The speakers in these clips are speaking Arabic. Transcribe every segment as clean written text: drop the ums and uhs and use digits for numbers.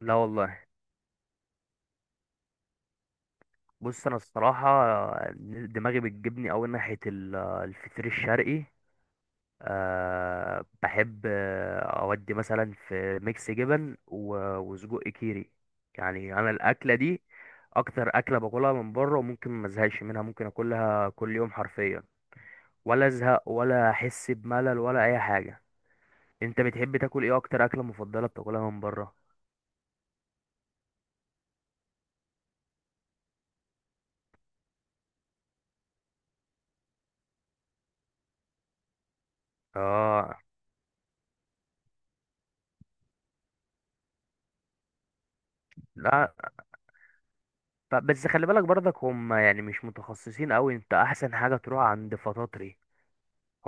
لا والله. بص، انا الصراحه دماغي بتجيبني قوي ناحيه الفطير الشرقي. أه بحب، اودي مثلا في ميكس جبن وسجق كيري. يعني انا الاكله دي اكتر اكله باكلها من بره، وممكن ما ازهقش منها، ممكن اكلها كل يوم حرفيا، ولا ازهق ولا احس بملل ولا اي حاجه. انت بتحب تاكل ايه؟ اكتر اكله مفضله بتاكلها من بره؟ اه. لا، بس خلي بالك برضك، هم يعني مش متخصصين قوي. انت احسن حاجة تروح عند فطاطري،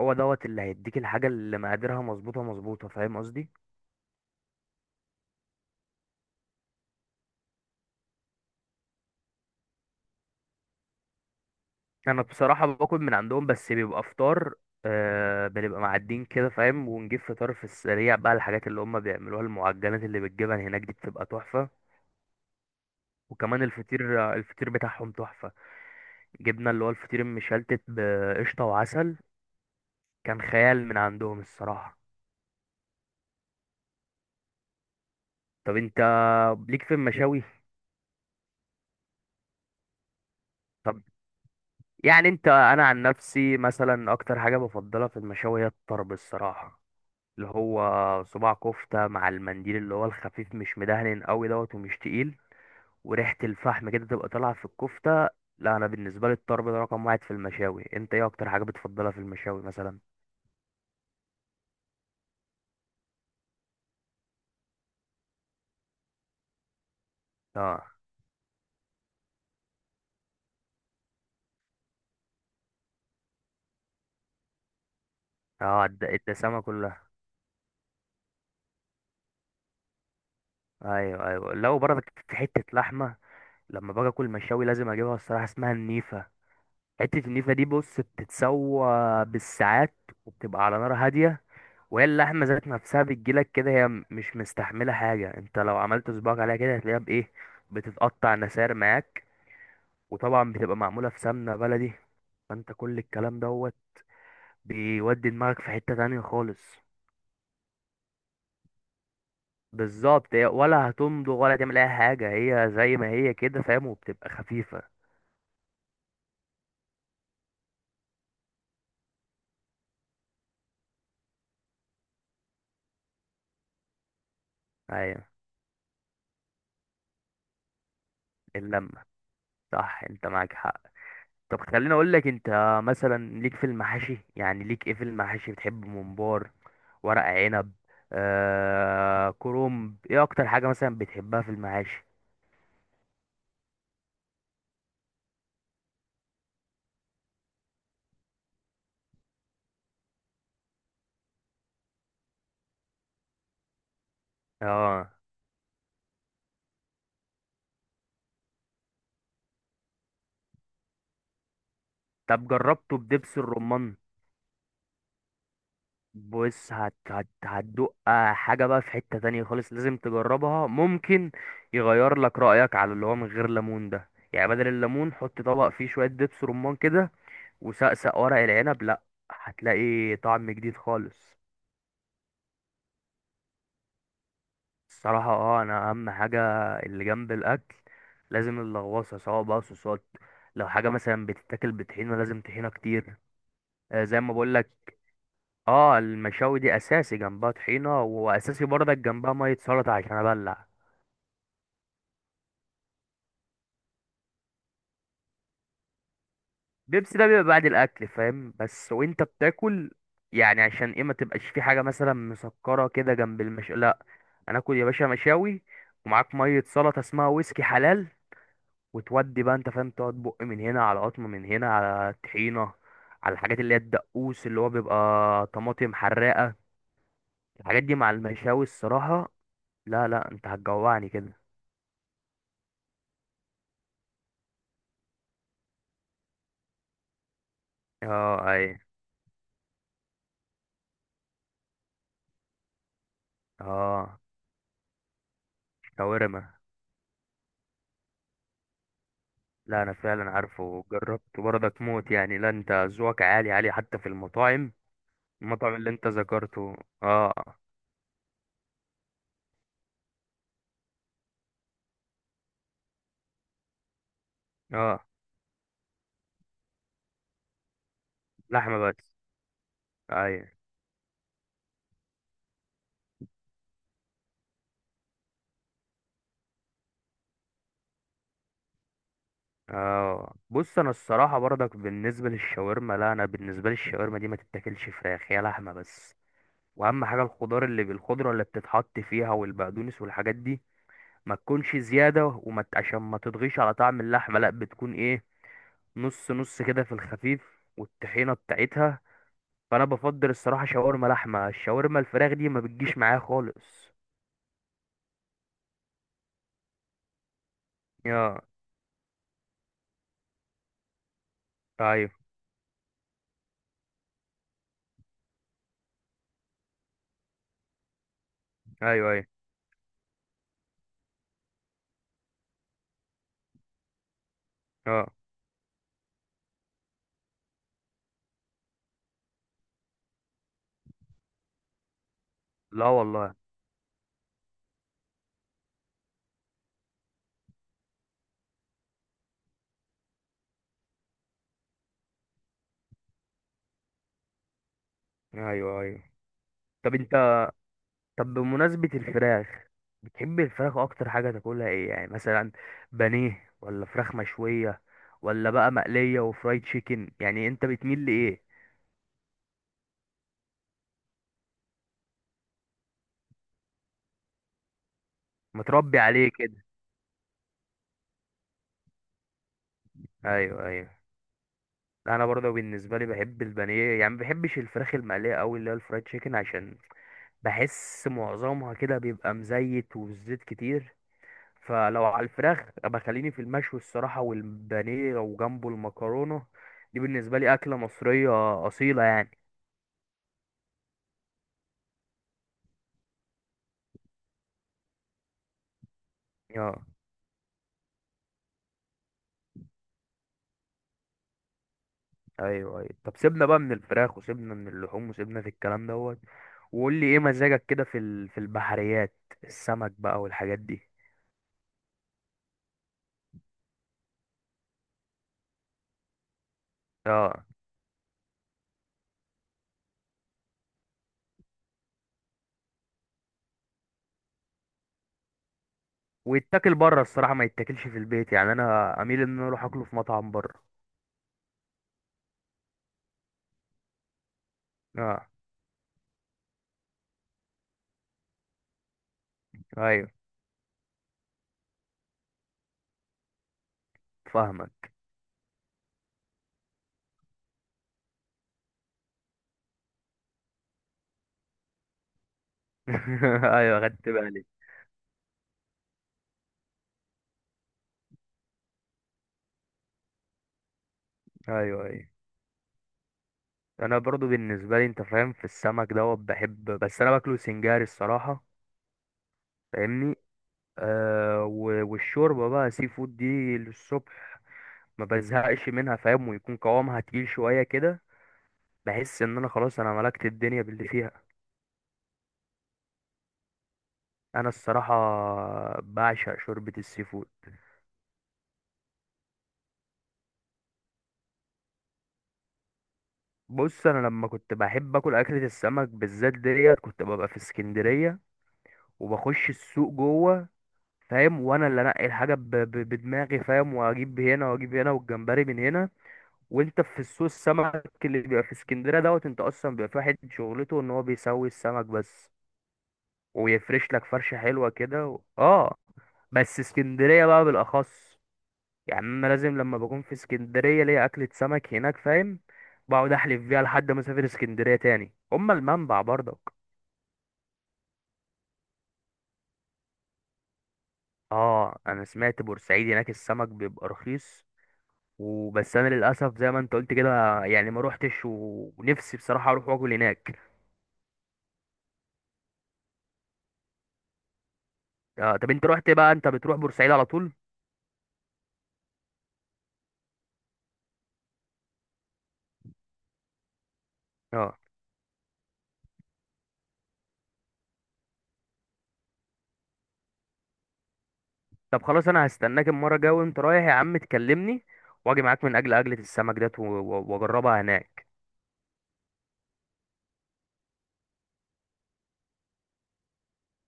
هو دوت اللي هيديك الحاجة اللي مقاديرها مظبوطة مظبوطة، فاهم قصدي؟ انا بصراحة باكل من عندهم بس بيبقى فطار. آه، بنبقى معدين كده فاهم، ونجيب فطار في السريع بقى. الحاجات اللي هم بيعملوها، المعجنات اللي بالجبن هناك دي بتبقى تحفة. وكمان الفطير بتاعهم تحفة. جبنا اللي هو الفطير المشلتت بقشطة وعسل، كان خيال من عندهم الصراحة. طب انت ليك في المشاوي؟ طب، يعني انت، انا عن نفسي مثلا اكتر حاجه بفضلها في المشاوي هي الطرب الصراحه، اللي هو صباع كفته مع المنديل اللي هو الخفيف مش مدهن قوي دوت ومش تقيل، وريحه الفحم كده تبقى طالعه في الكفته. لا انا بالنسبه لي الطرب ده رقم 1 في المشاوي. انت ايه اكتر حاجه بتفضلها في المشاوي مثلا؟ اه، اه، الدسامه كلها. ايوه، ايوه، لو برضك في حته لحمه، لما باجي اكل مشاوي لازم اجيبها الصراحه، اسمها النيفه. حته النيفه دي بص، بتتسوى بالساعات، وبتبقى على نار هاديه، وهي اللحمة ذات نفسها بتجيلك كده، هي مش مستحملة حاجة، انت لو عملت صباعك عليها كده هتلاقيها بايه؟ بتتقطع نسار معاك. وطبعا بتبقى معمولة في سمنة بلدي. فانت كل الكلام دوت بيودي دماغك في حتة تانية خالص. بالظبط، هي ولا هتمضغ ولا تعمل اي حاجة، هي زي ما هي كده فاهم، وبتبقى خفيفة. ايوه، اللمة صح، انت معاك حق. طب خليني اقول لك انت، مثلا ليك في المحاشي؟ يعني ليك ايه في المحاشي؟ بتحب ممبار؟ ورق عنب؟ آه، كرنب؟ ايه اكتر حاجة مثلا بتحبها في المحاشي؟ اه. طب جربته بدبس الرمان؟ بص، هت هت هتدوق حاجة بقى في حتة تانية خالص، لازم تجربها. ممكن يغير لك رأيك على اللي هو من غير ليمون ده، يعني بدل الليمون حط طبق فيه شوية دبس رمان كده، وسقسق ورق العنب، لا، هتلاقي طعم جديد خالص. الصراحة اه، انا اهم حاجة اللي جنب الاكل لازم اللغوصة، سواء بقى صوصات، لو حاجة مثلا بتتاكل بطحينة لازم طحينة كتير. زي ما بقولك، اه المشاوي دي اساسي جنبها طحينة، واساسي برضك جنبها مية سلطة عشان ابلع. بيبسي ده بيبقى بعد الاكل فاهم، بس وانت بتاكل يعني عشان ايه؟ ما تبقاش في حاجة مثلا مسكرة كده جنب المشاوي. لا، انا اكل يا باشا مشاوي، ومعاك مية سلطة اسمها ويسكي حلال، وتودي بقى انت فاهم، تقعد بق من هنا، على قطمة من هنا، على طحينة، على الحاجات اللي هي الدقوس اللي هو بيبقى طماطم حراقة. الحاجات دي مع المشاوي الصراحة. لا لا، انت هتجوعني كده. اه، اي، اه، شاورما. لا، انا فعلا عارفه وجربته برضك، موت يعني. لا، انت ذوقك عالي عالي حتى في المطاعم. المطعم اللي انت ذكرته، اه. اه، لحمة بس، اي، اه. بص، انا الصراحه برضك بالنسبه للشاورما، لا انا بالنسبه لي الشاورما دي ما تتاكلش فراخ، هي لحمه بس. واهم حاجه الخضار اللي بالخضره اللي بتتحط فيها والبقدونس والحاجات دي، ما تكونش زياده، عشان ما تضغيش على طعم اللحمه. لا، بتكون ايه؟ نص نص كده في الخفيف، والطحينه بتاعتها. فانا بفضل الصراحه شاورما لحمه، الشاورما الفراخ دي ما بتجيش معايا خالص. اه، ايوه، ايوه، ايوه، اه، لا والله، ايوه، ايوه. طب انت، طب بمناسبة الفراخ، بتحب الفراخ؟ اكتر حاجة تاكلها ايه؟ يعني مثلا بانيه ولا فراخ مشوية؟ ولا بقى مقلية وفرايد تشيكن؟ يعني انت بتميل لايه؟ متربي عليه كده، ايوه، ايوه. انا برضه بالنسبة لي بحب البانيه يعني، ما بحبش الفراخ المقلية قوي اللي هي الفرايد تشيكن، عشان بحس معظمها كده بيبقى مزيت وزيت كتير. فلو على الفراخ بخليني في المشوي الصراحة، والبانيه وجنبه المكرونة دي بالنسبة لي أكلة مصرية أصيلة يعني. اه، ايوه، ايوه، طب سيبنا بقى من الفراخ، وسيبنا من اللحوم، وسيبنا في الكلام دوت، وقول لي ايه مزاجك كده في ال… في البحريات؟ السمك بقى والحاجات دي. اه، ويتاكل بره الصراحه، ما يتاكلش في البيت يعني، انا اميل ان انا اروح اكله في مطعم بره. اه، ايوه، فاهمك. ايوه، خدت بالي. ايوه، ايوه، انا برضو بالنسبه لي انت فاهم في السمك دوت، بحب. بس انا باكله سنجاري الصراحه، فاهمني. والشوربه بقى، سي فود دي، للصبح ما بزهقش منها فاهم، ويكون قوامها تقيل شوية كده، بحس ان انا خلاص انا ملكت الدنيا باللي فيها. انا الصراحة بعشق شوربة السي فود. بص، انا لما كنت بحب اكل اكلة السمك بالذات ديت، كنت ببقى في اسكندرية، وبخش السوق جوه فاهم، وانا اللي انقي الحاجة بدماغي فاهم، واجيب هنا، واجيب هنا، والجمبري من هنا. وانت في السوق السمك اللي بيبقى في اسكندرية دوت، انت اصلا بيبقى في واحد شغلته ان هو بيسوي السمك بس، ويفرش لك فرشة حلوة كده اه، بس اسكندرية بقى بالأخص. يعني أنا لازم لما بكون في اسكندرية ليا أكلة سمك هناك فاهم، بقعد أحلف بيها لحد ما أسافر اسكندرية تاني. أما المنبع برضك. آه، أنا سمعت بورسعيد هناك السمك بيبقى رخيص وبس. أنا للأسف زي ما أنت قلت كده يعني، ما روحتش، ونفسي بصراحة أروح وأكل هناك. آه، طب أنت روحت بقى؟ أنت بتروح بورسعيد على طول؟ آه، طب خلاص أنا هستناك المرة الجاية، وأنت رايح يا عم تكلمني، وأجي معاك من أجل أكلة السمك ديت، وأجربها هناك.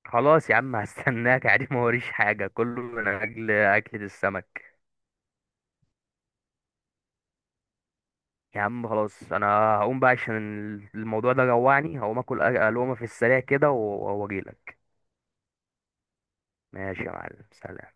خلاص يا عم هستناك. عادي، ما وريش حاجة، كله من أجل أكلة السمك. يا عم خلاص أنا هقوم بقى عشان الموضوع ده جوعني. هقوم أكل ألومة في السريع كده، وأجيلك. ماشي يا معلم، سلام.